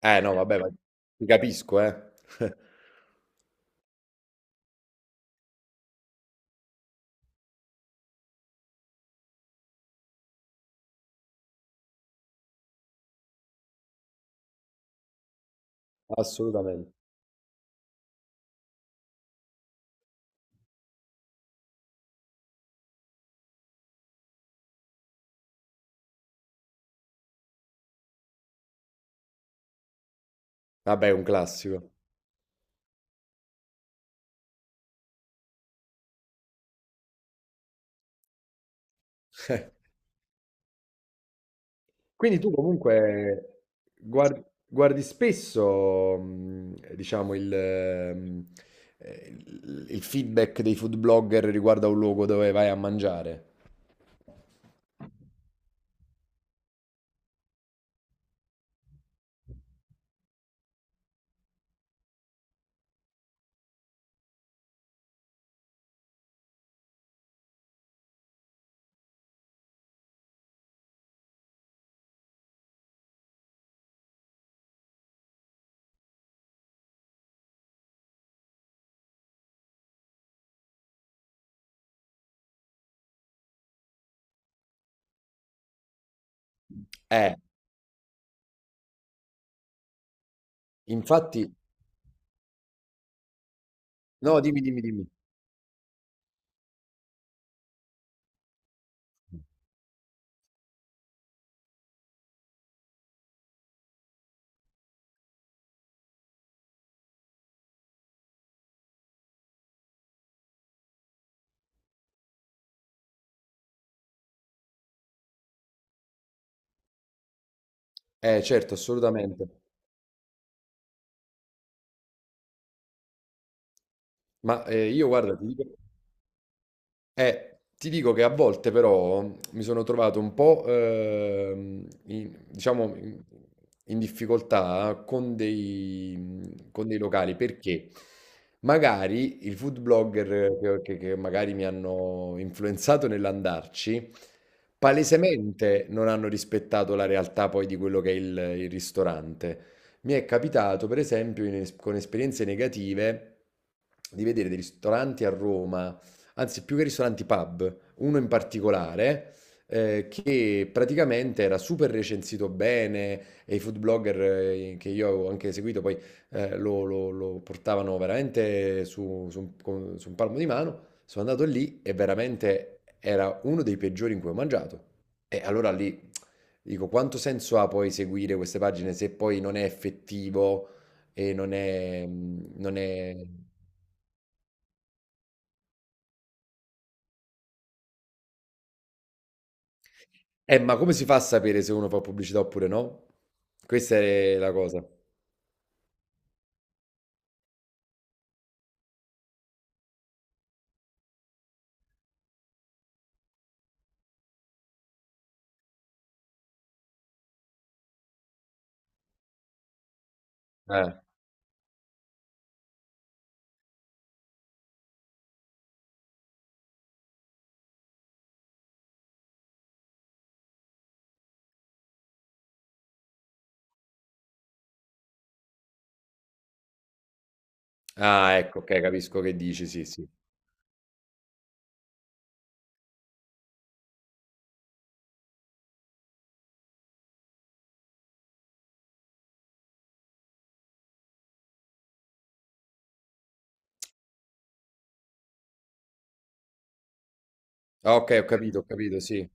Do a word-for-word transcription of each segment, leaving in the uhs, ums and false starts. Eh no, vabbè, ma ti capisco, eh. Assolutamente. Vabbè, è un classico. Quindi tu comunque guar- guardi spesso, mh, diciamo, il, ehm, eh, il- il- feedback dei food blogger riguardo a un luogo dove vai a mangiare. Eh, infatti, no, dimmi, dimmi, dimmi. Eh, certo, assolutamente. Ma eh, io guarda, ti dico... Eh, ti dico che a volte però mi sono trovato un po', ehm, in, diciamo, in, in difficoltà con dei, con dei locali perché magari il food blogger che, che- che magari mi hanno influenzato nell'andarci, palesemente non hanno rispettato la realtà poi di quello che è il, il ristorante. Mi è capitato, per esempio, in es- con esperienze negative, di vedere dei ristoranti a Roma, anzi più che ristoranti pub, uno in particolare eh, che praticamente era super recensito bene e i food blogger eh, che io avevo anche seguito poi, eh, lo, lo- lo portavano veramente su, su un, con- su un palmo di mano. Sono andato lì e veramente era uno dei peggiori in cui ho mangiato. E allora lì dico, quanto senso ha poi seguire queste pagine se poi non è effettivo e non è... non è... Eh, ma come si fa a sapere se uno fa pubblicità oppure no? Questa è la cosa. Eh. Ah, ecco, okay, capisco che dici, sì, sì. Ah, okay, ho capito, ho capito, sì.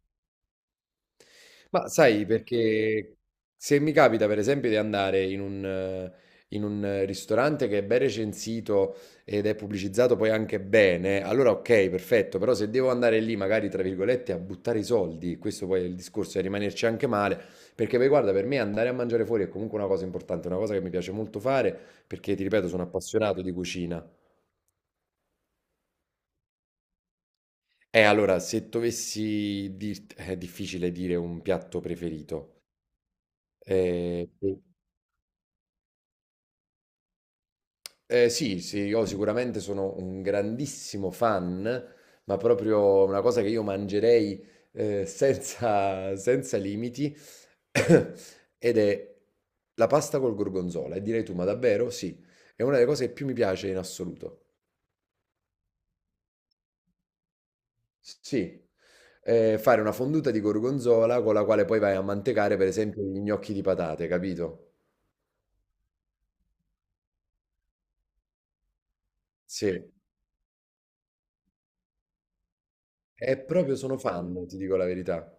Ma sai, perché se mi capita per esempio di andare in un, eh, in un ristorante che è ben recensito ed è pubblicizzato poi anche bene, allora ok, perfetto, però se devo andare lì magari tra virgolette a buttare i soldi, questo poi è il discorso, è rimanerci anche male, perché poi guarda, per me andare a mangiare fuori è comunque una cosa importante, una cosa che mi piace molto fare, perché ti ripeto, sono appassionato di cucina. E allora, se dovessi dirti, è difficile dire un piatto preferito. Eh, sì. Eh, sì, sì, io sicuramente sono un grandissimo fan, ma proprio una cosa che io mangerei eh, senza, senza limiti, ed è la pasta col gorgonzola. E direi tu, ma davvero? Sì, è una delle cose che più mi piace in assoluto. Sì, eh, fare una fonduta di gorgonzola con la quale poi vai a mantecare, per esempio, gli gnocchi di patate, capito? Sì, e proprio sono fan, ti dico la verità.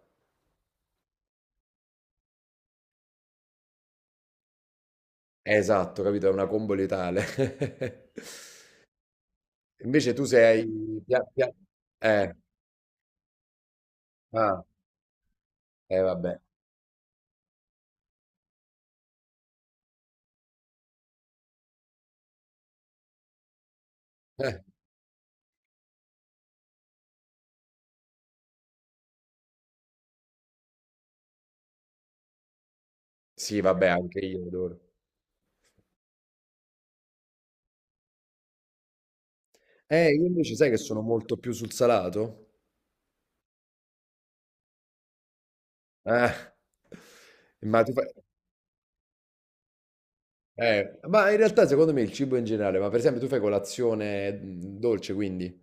Esatto, capito? È una combo letale. Invece tu sei pia pia eh, ah, eh vabbè. Eh, sì vabbè anche io adoro. Eh, io invece sai che sono molto più sul salato? Eh. Ma tu fai eh, ma in realtà secondo me il cibo in generale, ma per esempio tu fai colazione, mhmm, dolce quindi?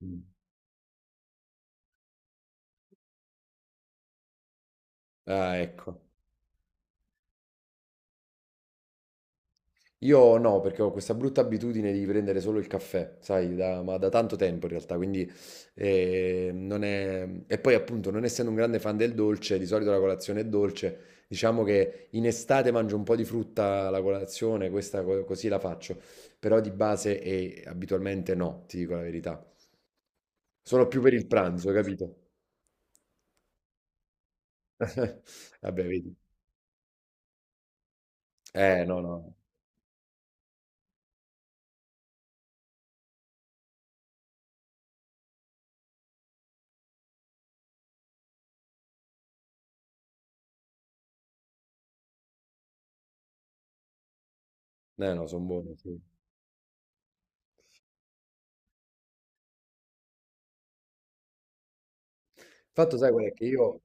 Mh. Ah, ecco. Io no, perché ho questa brutta abitudine di prendere solo il caffè, sai, da, ma da tanto tempo in realtà, quindi eh, non è... E poi appunto, non essendo un grande fan del dolce, di solito la colazione è dolce, diciamo che in estate mangio un po' di frutta alla colazione, questa co- così la faccio, però di base e abitualmente no, ti dico la verità. Sono più per il pranzo, capito? Vabbè, vedi. Eh, no, no, eh, no, sono buono, sì. Il fatto, sai, qual è che io...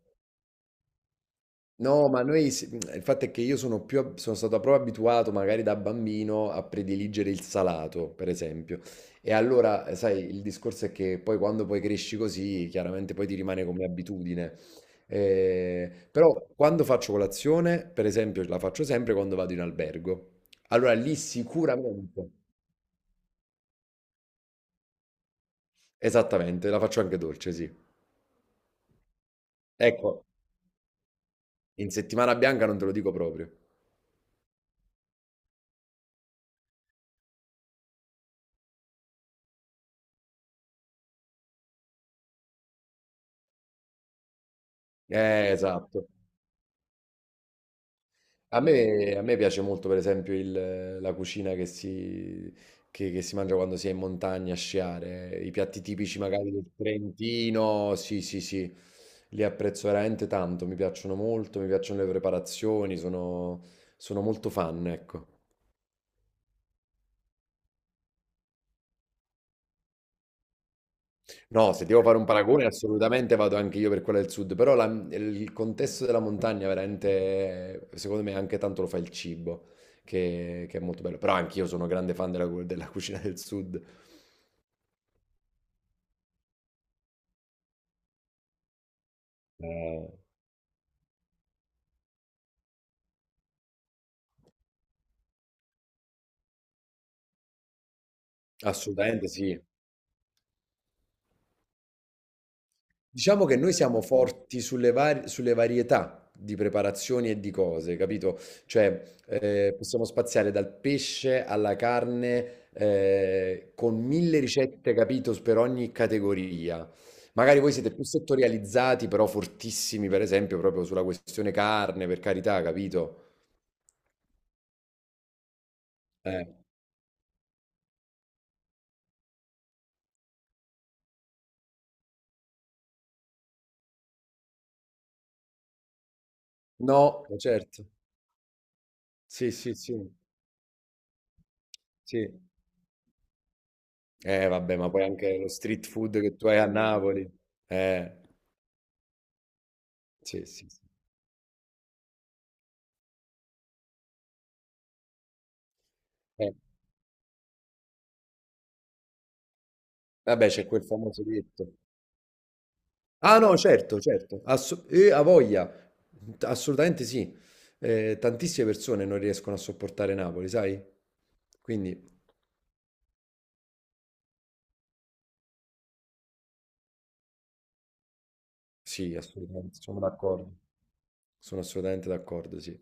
No, ma noi, si- mhmm, il fatto è che io sono più, ab- sono stato proprio abituato, magari da bambino, a prediligere il salato, per esempio. E allora, eh, sai, il discorso è che poi quando poi cresci così, chiaramente poi ti rimane come abitudine. Eh, però quando faccio colazione, per esempio, la faccio sempre quando vado in albergo. Allora lì sicuramente, esattamente, la faccio anche dolce, sì. Ecco, in settimana bianca non te lo dico proprio. Eh, esatto. A me, a me piace molto, per esempio, il- la cucina che si, che- che si mangia quando si è in montagna a sciare, i piatti tipici magari del Trentino, sì, sì, sì, li apprezzo veramente tanto, mi piacciono molto, mi piacciono le preparazioni, sono, sono molto fan, ecco. No, se devo fare un paragone, assolutamente vado anche io per quella del sud, però la- il contesto della montagna veramente, secondo me, anche tanto lo fa il cibo, che, che è molto bello. Però anch'io sono grande fan della, cu- della cucina del sud. Eh, assolutamente sì. Diciamo che noi siamo forti sulle var- sulle varietà di preparazioni e di cose, capito? Cioè, eh, possiamo spaziare dal pesce alla carne, eh, con mille ricette, capito, per ogni categoria. Magari voi siete più settorializzati, però fortissimi, per esempio, proprio sulla questione carne, per carità, capito? Eh, No, certo. Sì, sì, sì, sì. Eh vabbè, ma poi anche lo street food che tu hai a Napoli. Eh, sì, sì, sì. Eh, vabbè, c'è quel famoso detto. Ah no, certo, certo. Ass- eh, a voglia. Assolutamente sì. Eh, tantissime persone non riescono a sopportare Napoli, sai? Quindi sì, assolutamente, sono d'accordo. Sono assolutamente d'accordo, sì.